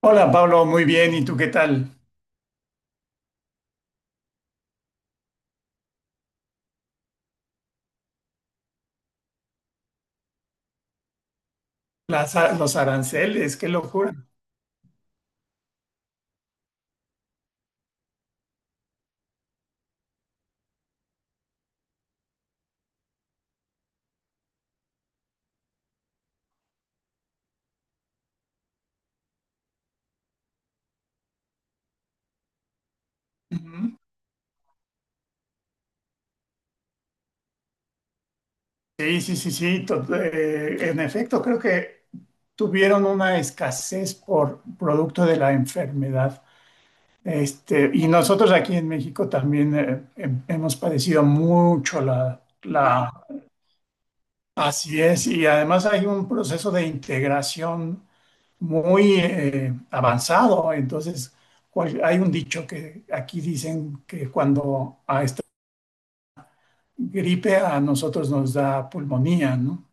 Hola Pablo, muy bien. ¿Y tú qué tal? Los aranceles, qué locura. Ujú. Sí, sí, sí, sí. En efecto, creo que tuvieron una escasez por producto de la enfermedad. Este, y nosotros aquí en México también hemos padecido mucho la... Así es. Y además hay un proceso de integración muy avanzado. Entonces, hay un dicho que aquí dicen que cuando a gripe a nosotros nos da pulmonía, ¿no?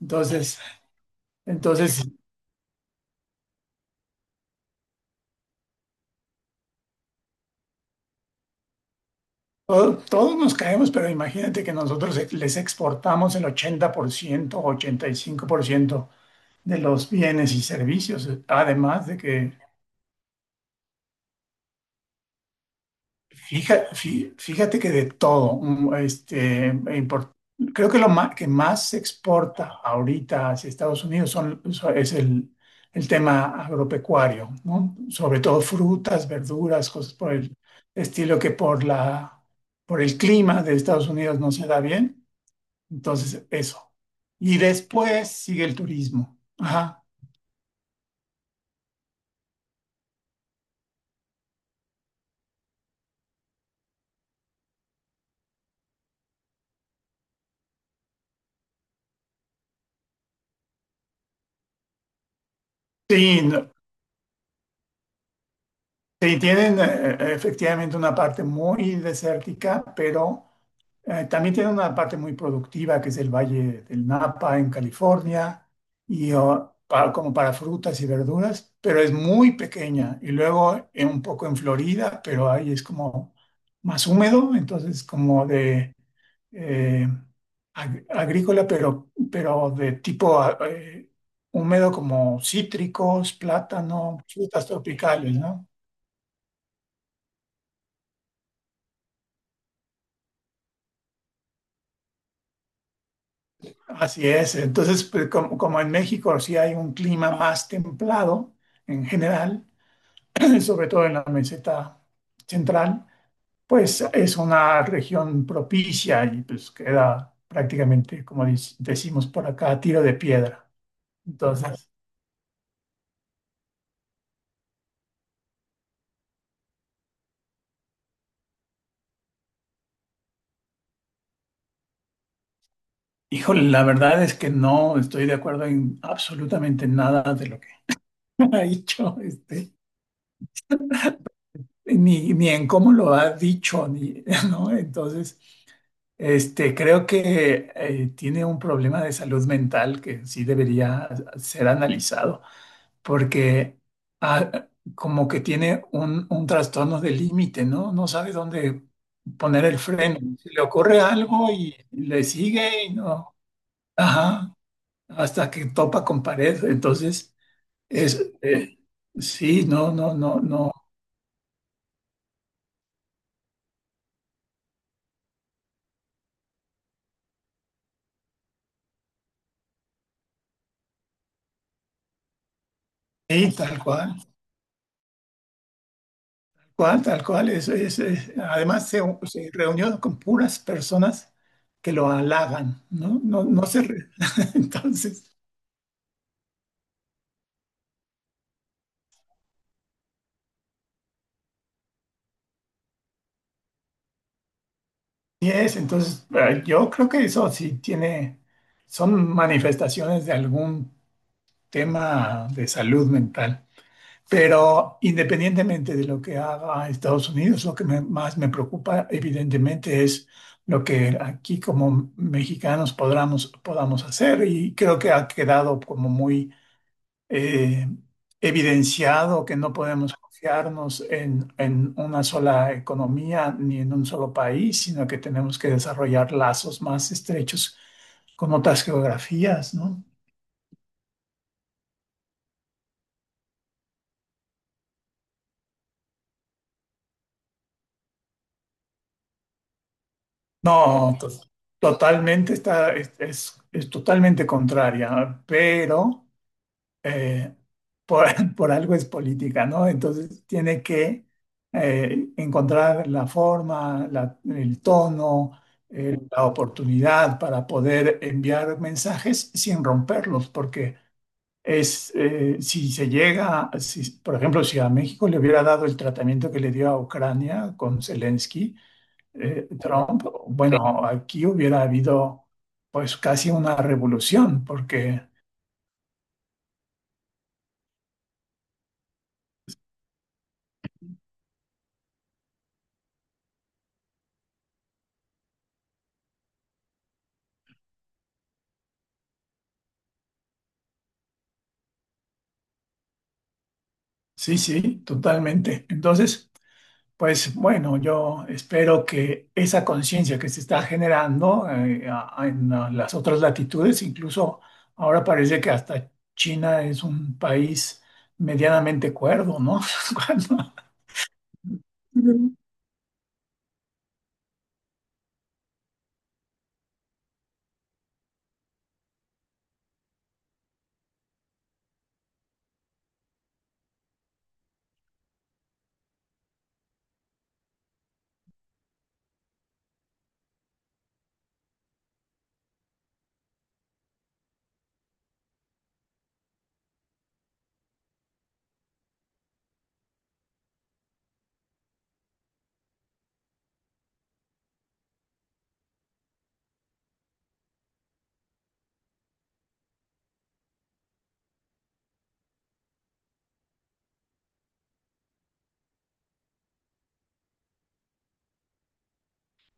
Entonces, entonces todos nos caemos, pero imagínate que nosotros les exportamos el 80%, 85% de los bienes y servicios, además de que Fíjate, que de todo, import- creo que que más se exporta ahorita hacia Estados Unidos es el tema agropecuario, ¿no? Sobre todo frutas, verduras, cosas por el estilo que por por el clima de Estados Unidos no se da bien. Entonces, eso. Y después sigue el turismo. Ajá. Sí, no- Sí, tienen efectivamente una parte muy desértica, pero... también tiene una parte muy productiva que es el Valle del Napa en California, como para frutas y verduras, pero es muy pequeña. Y luego un poco en Florida, pero ahí es como más húmedo, entonces como eh, agrícola, pero de tipo húmedo, como cítricos, plátano, frutas tropicales, ¿no? Así es. Entonces, pues, como en México sí hay un clima más templado en general, sobre todo en la meseta central, pues es una región propicia y pues queda prácticamente, como decimos por acá, a tiro de piedra. Entonces, híjole, la verdad es que no estoy de acuerdo en absolutamente nada de lo que ha dicho, este, ni en cómo lo ha dicho, ni, ¿no? Entonces... Este, creo que tiene un problema de salud mental que sí debería ser analizado, porque ah, como que tiene un trastorno de límite, ¿no? No sabe dónde poner el freno. Se le ocurre algo y le sigue y no. Ajá, hasta que topa con pared. Entonces, es, eh, sí, no, no, no, no. Sí, tal cual. Tal cual. Eso es, además, se reunió con puras personas que lo halagan, ¿no? Entonces, yo creo que eso sí tiene. Son manifestaciones de algún tema de salud mental. Pero independientemente de lo que haga Estados Unidos, lo que más me preocupa, evidentemente, es lo que aquí como mexicanos podamos hacer. Y creo que ha quedado como muy eh, evidenciado que no podemos confiarnos en una sola economía ni en un solo país, sino que tenemos que desarrollar lazos más estrechos con otras geografías, ¿no? No, to- Totalmente está, es totalmente contraria, pero eh, por, por algo es política, ¿no? Entonces tiene que encontrar la forma, el tono, la oportunidad para poder enviar mensajes sin romperlos, porque si se llega, si, por ejemplo, si a México le hubiera dado el tratamiento que le dio a Ucrania con Zelensky, Trump. Sí, bueno, aquí hubiera habido pues casi una revolución, porque sí, sí, totalmente. Entonces, pues bueno, yo espero que esa conciencia que se está generando en las otras latitudes, incluso ahora parece que hasta China es un país medianamente cuerdo, ¿no? Cuando- Ujú.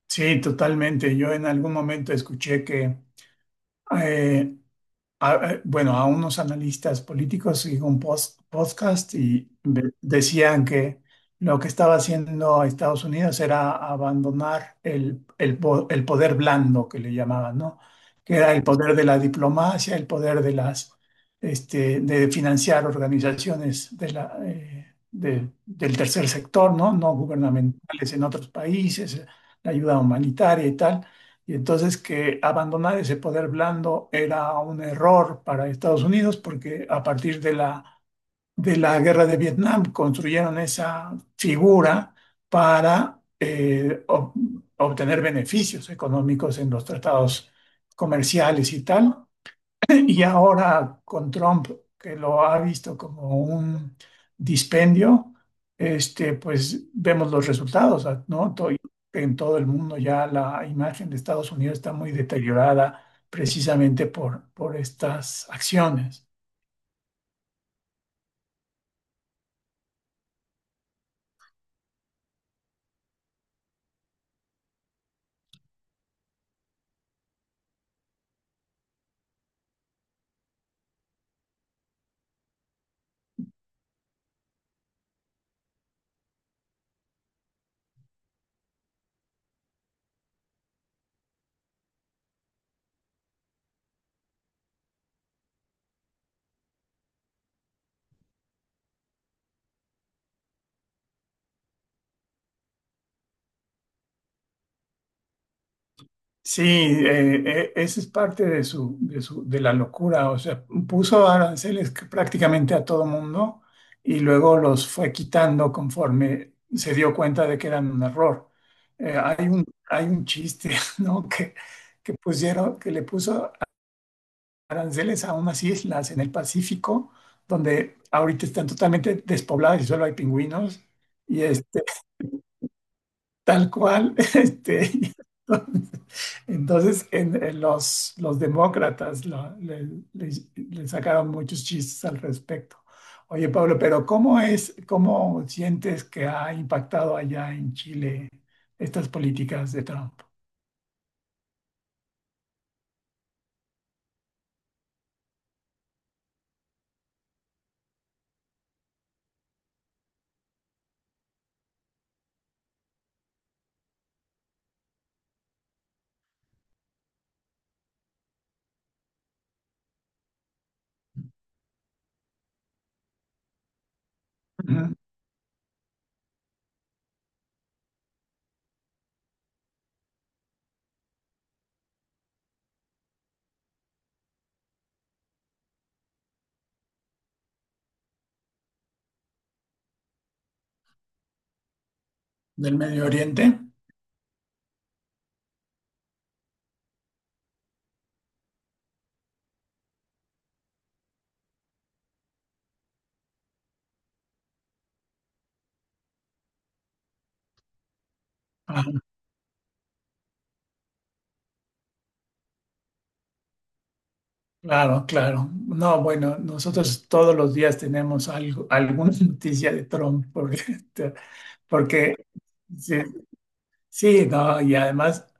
Sí, totalmente. Yo en algún momento escuché que eh, bueno, a unos analistas políticos y un podcast y decían que lo que estaba haciendo Estados Unidos era abandonar el poder blando que le llamaban, ¿no? Que era el poder de la diplomacia, el poder de las, este, de financiar organizaciones de del tercer sector, ¿no? No gubernamentales en otros países, la ayuda humanitaria y tal, y entonces que abandonar ese poder blando era un error para Estados Unidos porque a partir de de la guerra de Vietnam construyeron esa figura para obtener beneficios económicos en los tratados comerciales y tal. Y ahora con Trump, que lo ha visto como un dispendio, este, pues vemos los resultados, ah, ¿no? To- En todo el mundo ya la imagen de Estados Unidos está muy deteriorada precisamente por estas acciones. Sí, esa es parte de su, de la locura. O sea, puso aranceles que prácticamente a todo mundo y luego los fue quitando conforme se dio cuenta de que eran un error. Hay un chiste, ¿no? Que pusieron, que le puso aranceles a unas islas en el Pacífico, donde ahorita están totalmente despobladas y solo hay pingüinos. Y este, tal cual, este, y entonces, entonces, en los demócratas le sacaron muchos chistes al respecto. Oye, Pablo, pero ¿cómo es, cómo sientes que ha impactado allá en Chile estas políticas de Trump? Ujú. ¿Del Medio Oriente? Ah, claro, claro. No, bueno, nosotros todos los días tenemos algo, alguna noticia de Trump, porque, porque sí, sí, no, y además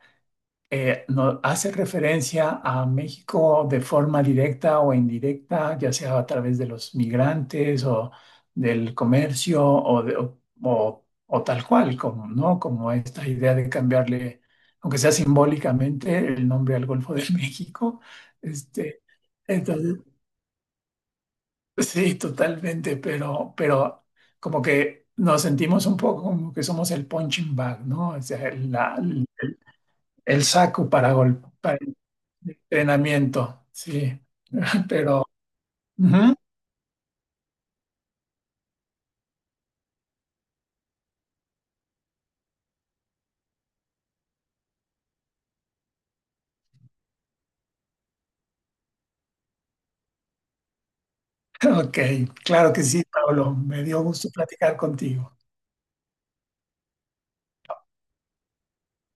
hace referencia a México de forma directa o indirecta, ya sea a través de los migrantes o del comercio o, de- o tal cual, como, ¿no? Como esta idea de cambiarle, aunque sea simbólicamente, el nombre al Golfo de México. Este, entonces, sí, totalmente, pero como que nos sentimos un poco como que somos el punching bag, ¿no? O sea, la, el saco para golpe, para entrenamiento, sí. Pero, ujú, ok, claro que sí, Pablo, me dio gusto platicar contigo.